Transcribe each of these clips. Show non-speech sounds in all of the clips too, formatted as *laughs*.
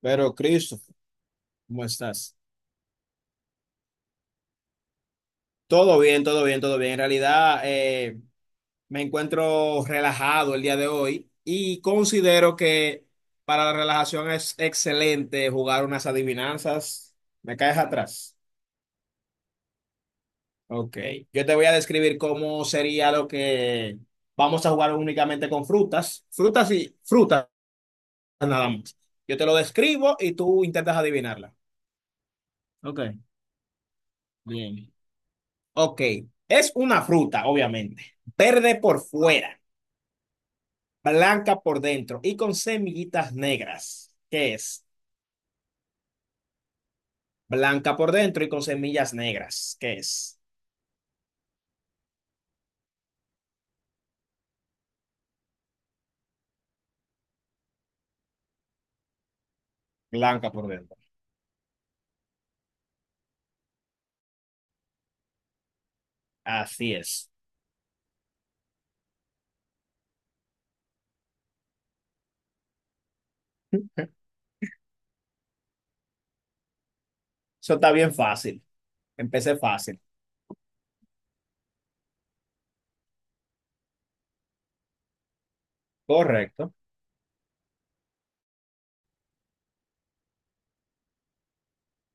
Pero, Christopher, ¿cómo estás? Todo bien, todo bien, todo bien. En realidad, me encuentro relajado el día de hoy y considero que para la relajación es excelente jugar unas adivinanzas. ¿Me caes atrás? Ok. Yo te voy a describir cómo sería lo que vamos a jugar únicamente con frutas. Frutas y frutas nada más. Yo te lo describo y tú intentas adivinarla. Ok, bien. Ok, es una fruta, obviamente. Verde por fuera, blanca por dentro y con semillitas negras. ¿Qué es? Blanca por dentro y con semillas negras. ¿Qué es? Blanca por dentro. Así es. Eso está bien fácil. Empecé fácil. Correcto.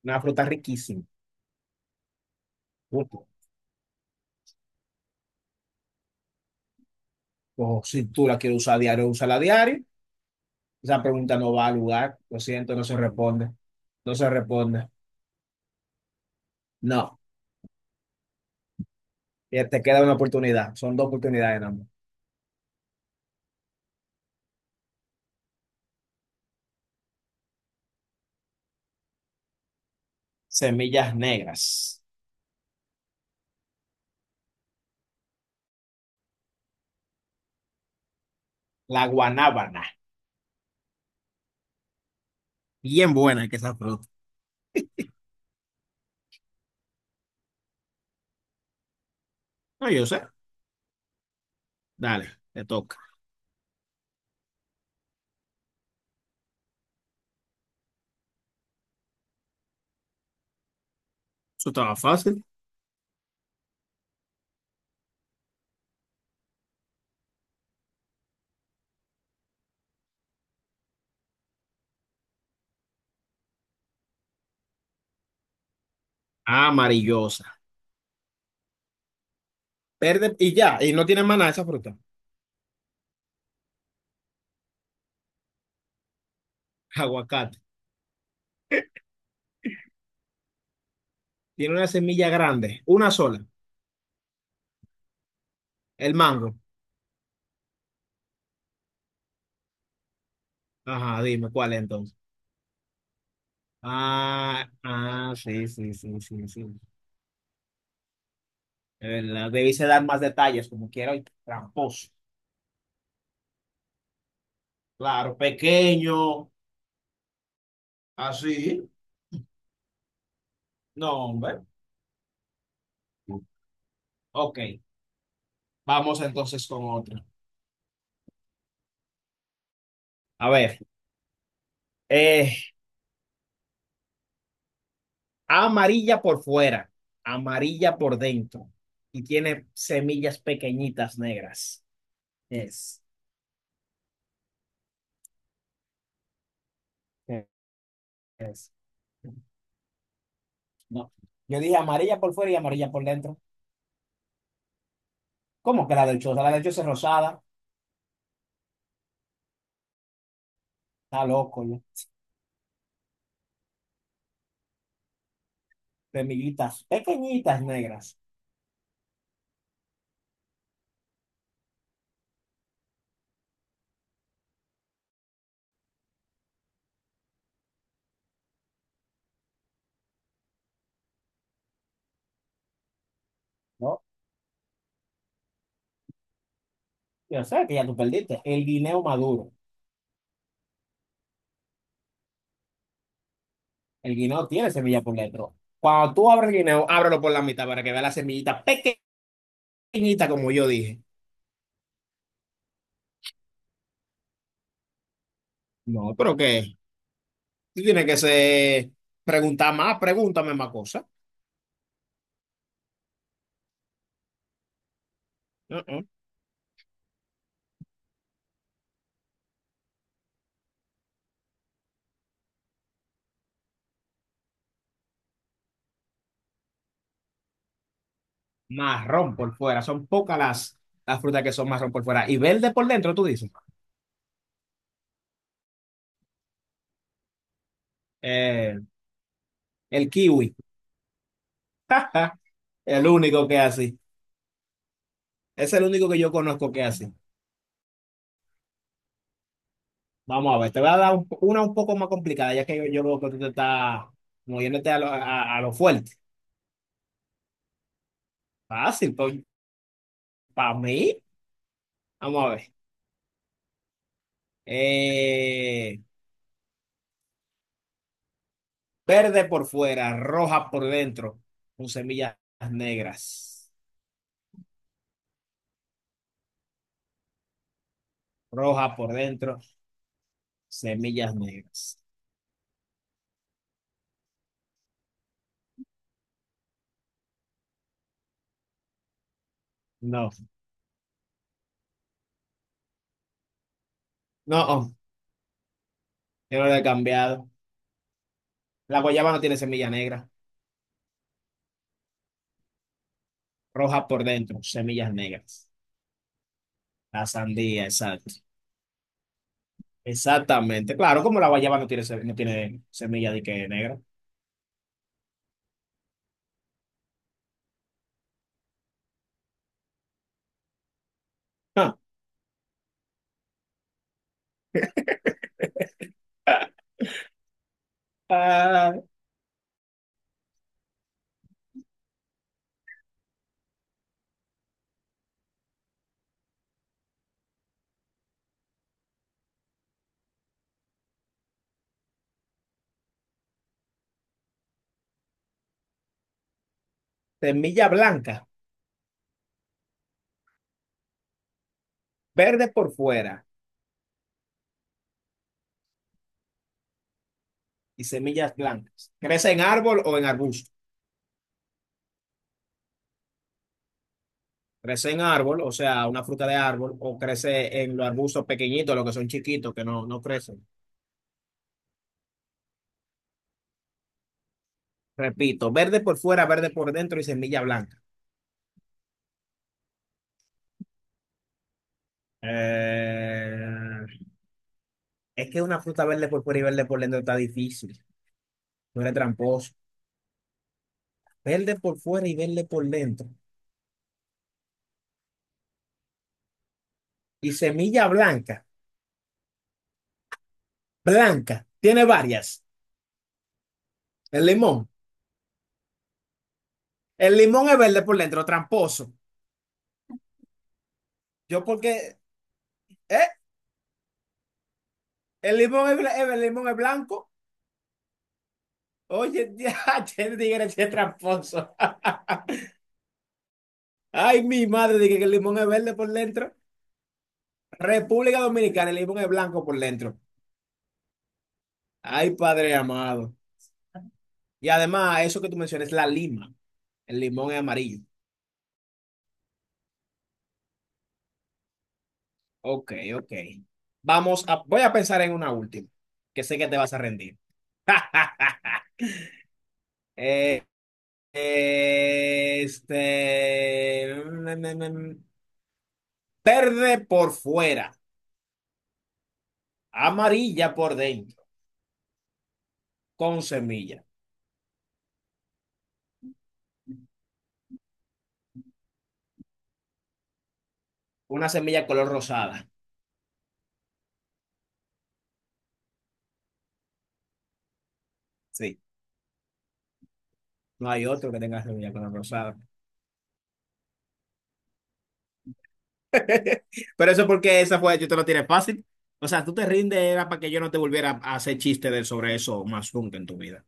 Una fruta riquísima. Uf, o si tú la quieres usar diario, úsala a diario. Esa pregunta no va al lugar. Lo siento, no se responde. No se responde. No. Te queda una oportunidad. Son dos oportunidades, nada más. Semillas negras. La guanábana. Bien buena que esa fruta. No, yo sé. Dale, te toca. Eso estaba fácil. Amarillosa. Verde y ya. Y no tiene más nada esa fruta. Aguacate. Tiene una semilla grande. Una sola. El mango. Ajá, dime cuál es entonces. Ah, ah, sí, sí, sí, sí, sí. De verdad, debiste dar más detalles como quiero. Y tramposo. Claro, pequeño. Así. No, hombre. Ok. Vamos entonces con otra. A ver. Eh, amarilla por fuera, amarilla por dentro y tiene semillas pequeñitas negras. Es, es. No. Yo dije amarilla por fuera y amarilla por dentro. ¿Cómo que la del choza? La del choza es rosada. Está loco, yo. Semillitas pequeñitas negras. ¿No? Yo sé que ya tú perdiste. El guineo maduro. El guineo tiene semilla por dentro. Cuando tú abres el guineo, ábrelo por la mitad para que vea la semillita pequeñita, como yo dije. No, pero ¿qué? Tú tienes que ser, preguntar más, pregúntame más cosas. Uh-uh. Marrón por fuera, son pocas las frutas que son marrón por fuera. Y verde por dentro, tú dices. Eh, el kiwi, *laughs* el único que es así. Es el único que yo conozco que es así. Vamos a ver, te voy a dar un- una un poco más complicada, ya que yo veo que tú te estás moviéndote a lo fuerte. Fácil, pues, para mí. Vamos a ver. Eh, verde por fuera, roja por dentro, con semillas negras. Roja por dentro, semillas negras. No, no, yo no lo he cambiado. La guayaba no tiene semilla negra, roja por dentro, semillas negras. La sandía, exacto. Exactamente. Claro, como la guayaba no tiene, no tiene semilla de que negra. Ah, ah, *laughs* semilla blanca, verde por fuera y semillas blancas. ¿Crece en árbol o en arbusto? Crece en árbol, o sea, una fruta de árbol, o crece en los arbustos pequeñitos, los que son chiquitos, que no, no crecen. Repito, verde por fuera, verde por dentro y semilla blanca. Eh, es que una fruta verde por fuera y verde por dentro está difícil. No eres tramposo. Verde por fuera y verde por dentro. Y semilla blanca. Blanca. Tiene varias. El limón. El limón es verde por dentro, tramposo. Yo porque... ¿Eh? El limón es, el limón es blanco. Oye, *laughs* ya, che, tigre, che, tramposo. *laughs* Ay, mi madre, dije que el limón es verde por dentro. República Dominicana, el limón es blanco por dentro. Ay, padre amado. Y además, eso que tú mencionas, la lima. El limón es amarillo. Ok, ok. Vamos a, voy a pensar en una última, que sé que te vas a rendir. *laughs* Eh, este, mm. verde por fuera, amarilla por dentro, con semilla. Una semilla color rosada. Sí, no hay otro que tenga semilla color rosada. Pero eso es porque esa fue, yo te lo tiré fácil. O sea, tú te rindes, era para que yo no te volviera a hacer chistes de, sobre eso más nunca en tu vida.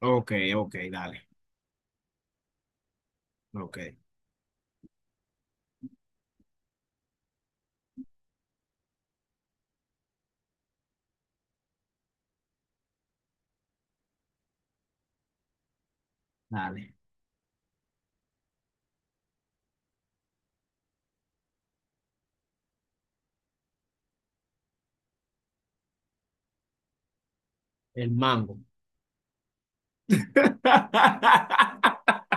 Ok, ok, dale. Ok, dale. El mango. *laughs*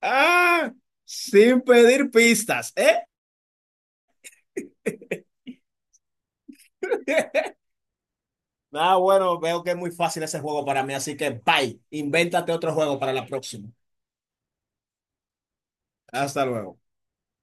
Ah, sin pedir pistas, ¿eh? *laughs* Ah, bueno, veo que es muy fácil ese juego para mí, así que bye. Invéntate otro juego para la próxima. Hasta luego.